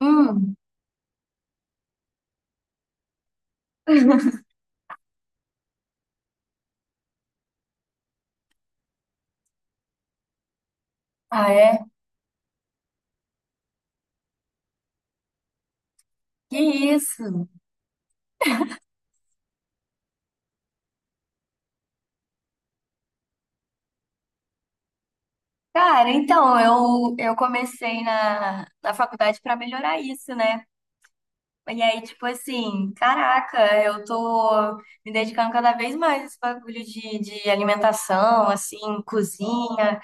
Hum. Ah, é? Que isso? Cara, então, eu comecei na faculdade para melhorar isso, né? E aí, tipo assim, caraca, eu tô me dedicando cada vez mais a esse bagulho de alimentação, assim, cozinha.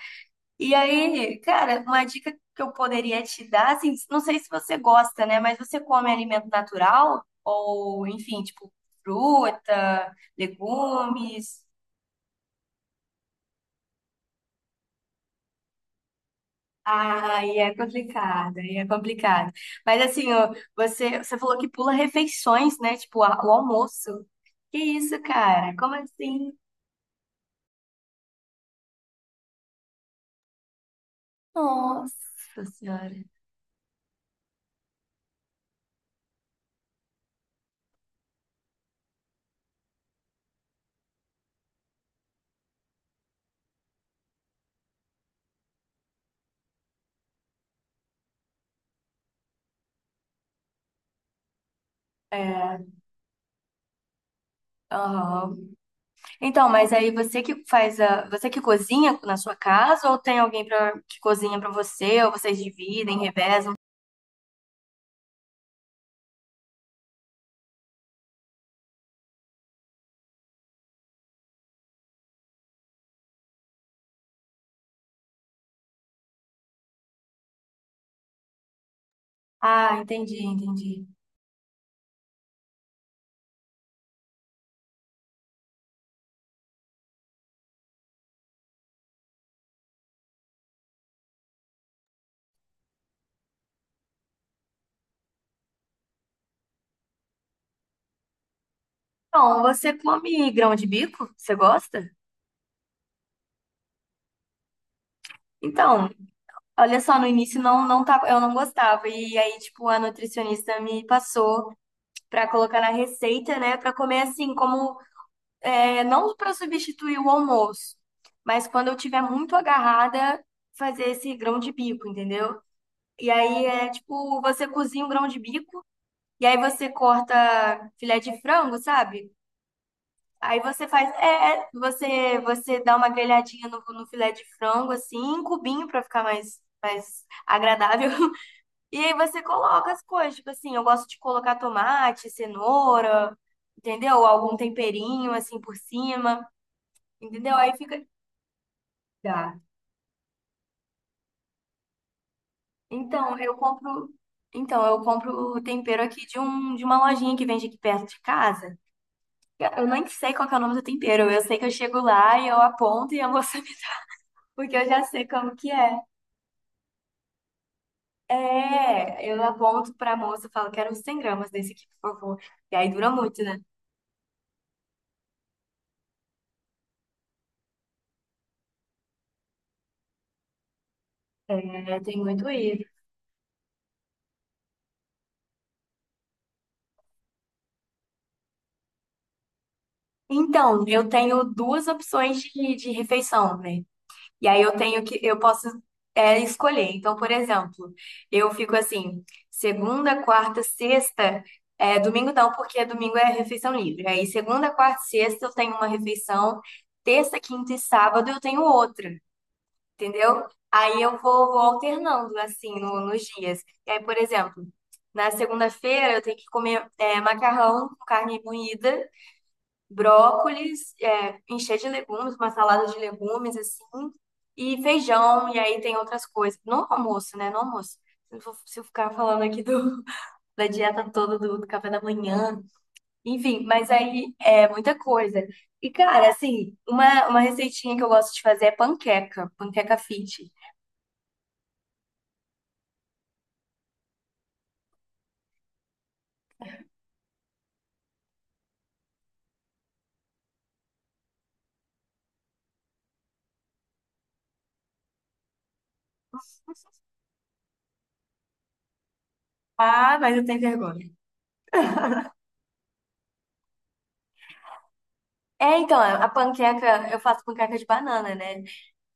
E aí, cara, uma dica que eu poderia te dar, assim, não sei se você gosta, né? Mas você come alimento natural? Ou, enfim, tipo, fruta, legumes? Aí é complicado, aí é complicado. Mas assim, ó, você falou que pula refeições, né? Tipo, o almoço. Que isso, cara? Como assim? Nossa Senhora. É, aham. Então, mas aí você que faz a, você que cozinha na sua casa ou tem alguém pra, que cozinha pra você, ou vocês dividem, revezam? Ah, entendi, entendi. Então, você come grão de bico? Você gosta? Então, olha só, no início não, não tava, eu não gostava. E aí, tipo, a nutricionista me passou pra colocar na receita, né? Pra comer assim, como é, não pra substituir o almoço, mas quando eu tiver muito agarrada, fazer esse grão de bico, entendeu? E aí é tipo, você cozinha um grão de bico e aí você corta filé de frango, sabe? Aí você faz, é, é, você dá uma grelhadinha no, no filé de frango assim, em cubinho pra ficar mais agradável. E aí você coloca as coisas, tipo assim, eu gosto de colocar tomate, cenoura, entendeu? Algum temperinho assim por cima, entendeu? Aí fica. Dá. Então, eu compro. Então, eu compro o tempero aqui de, um, de uma lojinha que vende aqui perto de casa. Eu nem sei qual que é o nome do tempero. Eu sei que eu chego lá e eu aponto e a moça. Porque eu já sei como que é. É, eu aponto pra moça e falo, quero uns 100 g desse aqui, por favor. E aí dura muito, né? É, tem muito isso. Então, eu tenho duas opções de refeição, né? E aí eu tenho que, eu posso é, escolher. Então, por exemplo, eu fico assim, segunda, quarta, sexta, é, domingo não, porque domingo é refeição livre. Aí segunda, quarta, sexta eu tenho uma refeição, terça, quinta e sábado eu tenho outra, entendeu? Aí eu vou, vou alternando assim nos dias. E aí, por exemplo, na segunda-feira eu tenho que comer é, macarrão com carne moída brócolis, é, encher de legumes, uma salada de legumes, assim, e feijão, e aí tem outras coisas. No almoço, né? No almoço. Se eu se eu ficar falando aqui do, da dieta toda, do, do café da manhã, enfim, mas aí é muita coisa. E, cara, assim, uma receitinha que eu gosto de fazer é panqueca, panqueca fit. Ah, mas eu tenho vergonha. É, então, a panqueca, eu faço panqueca de banana, né?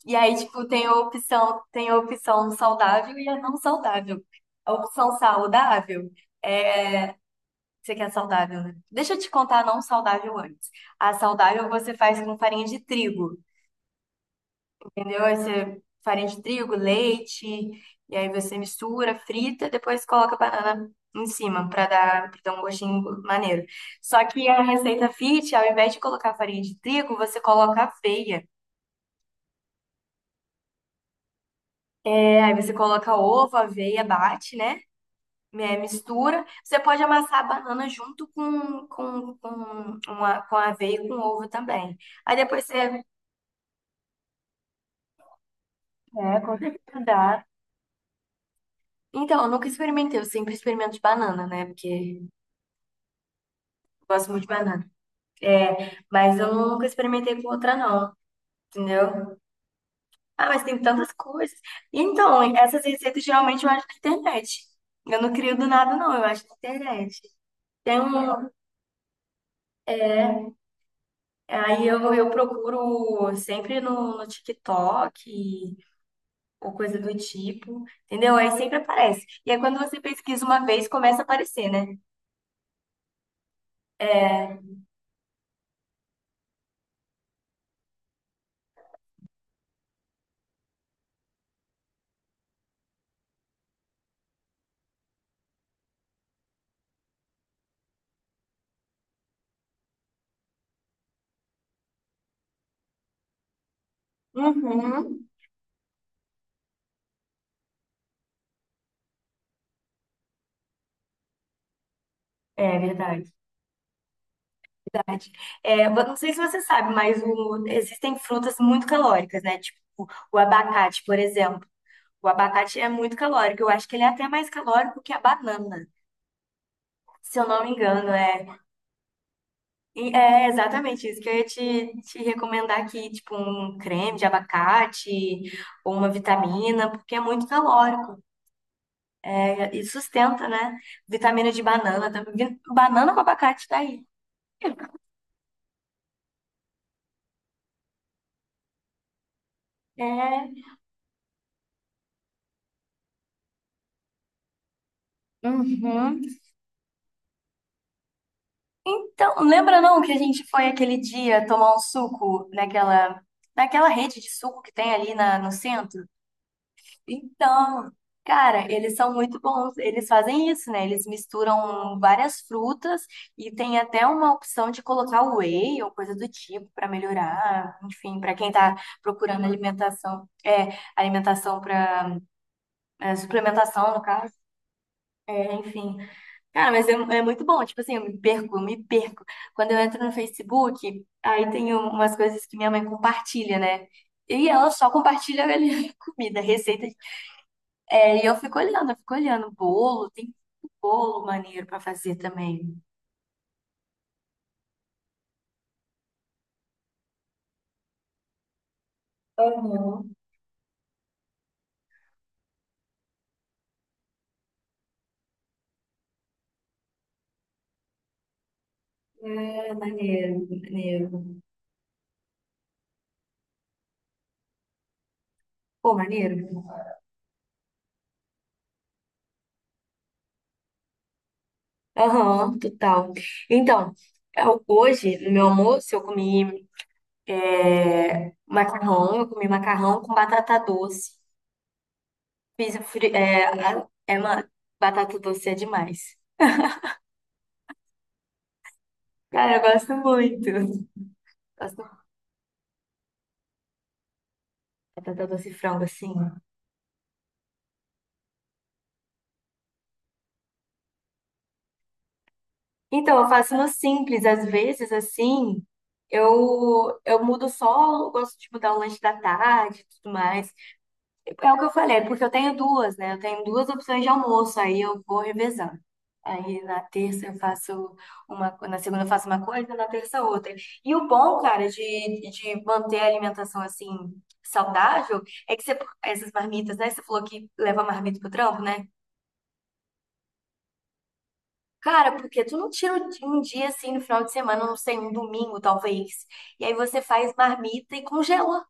E aí, tipo, tem a opção saudável e a não saudável. A opção saudável é. Você quer saudável, né? Deixa eu te contar a não saudável antes. A saudável você faz com farinha de trigo, entendeu? Aí você farinha de trigo, leite, e aí você mistura, frita, depois coloca a banana em cima pra dar um gostinho maneiro. Só que a receita fit, ao invés de colocar farinha de trigo, você coloca aveia. É, aí você coloca ovo, aveia, bate, né? Né, mistura. Você pode amassar a banana junto com, uma, com a aveia e com ovo também. Aí depois você. É, com certeza dá. Então, eu nunca experimentei, eu sempre experimento de banana, né? Porque eu gosto muito de banana. É, mas eu nunca experimentei com outra, não. Entendeu? Ah, mas tem tantas coisas. Então, essas receitas geralmente eu acho na internet. Eu não crio do nada, não, eu acho na internet. Tem um. Aí eu procuro sempre no, no TikTok, ou coisa do tipo, entendeu? Aí sempre aparece. E aí quando você pesquisa uma vez, começa a aparecer, né? Uhum. É verdade. Verdade. É, mas não sei se você sabe, mas existem frutas muito calóricas, né? Tipo o abacate, por exemplo. O abacate é muito calórico. Eu acho que ele é até mais calórico que a banana, se eu não me engano. É, e é exatamente isso que eu ia te, te recomendar aqui, tipo um creme de abacate ou uma vitamina, porque é muito calórico. E sustenta, né? Vitamina de banana. Banana com abacate tá aí. É. Uhum. Então, lembra não que a gente foi aquele dia tomar um suco naquela, naquela rede de suco que tem ali na, no centro? Então, cara, eles são muito bons. Eles fazem isso, né? Eles misturam várias frutas e tem até uma opção de colocar whey ou coisa do tipo para melhorar. Enfim, para quem tá procurando alimentação, é, alimentação para é, suplementação, no caso. É, enfim. Cara, mas é, é muito bom. Tipo assim, eu me perco, eu me perco. Quando eu entro no Facebook, aí tem umas coisas que minha mãe compartilha, né? E ela só compartilha ali, comida, receita. É, e eu fico olhando, eu fico olhando. Bolo, tem bolo maneiro pra fazer também. Aham. É, maneiro, maneiro. Pô, maneiro. Aham, total. Então, hoje, no meu almoço, eu comi. É, macarrão, eu comi macarrão com batata doce. Fiz o é, é uma, batata doce é demais. Cara, eu gosto muito. Gosto muito de batata doce e frango, assim. Então, eu faço no simples, às vezes, assim, eu mudo só, eu gosto de mudar o lanche da tarde e tudo mais. É o que eu falei, porque eu tenho duas, né? Eu tenho duas opções de almoço, aí eu vou revezando. Aí na terça eu faço uma, na segunda eu faço uma coisa, na terça outra. E o bom, cara, de manter a alimentação assim saudável é que você, essas marmitas, né? Você falou que leva marmita pro trampo, né? Cara, porque tu não tira um dia assim no final de semana, não sei, um domingo talvez. E aí você faz marmita e congela.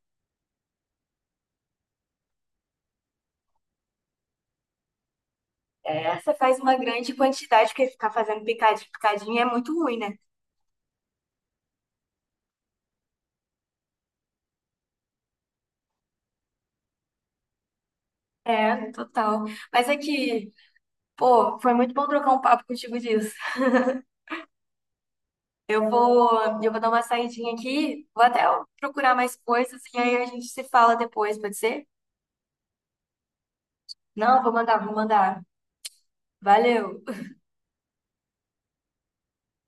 É, você faz uma grande quantidade, porque ficar fazendo picadinho, picadinho é muito ruim, né? É, total. Mas é que, pô, foi muito bom trocar um papo contigo disso. Eu vou dar uma saidinha aqui, vou até procurar mais coisas e aí a gente se fala depois, pode ser? Não, vou mandar, vou mandar. Valeu.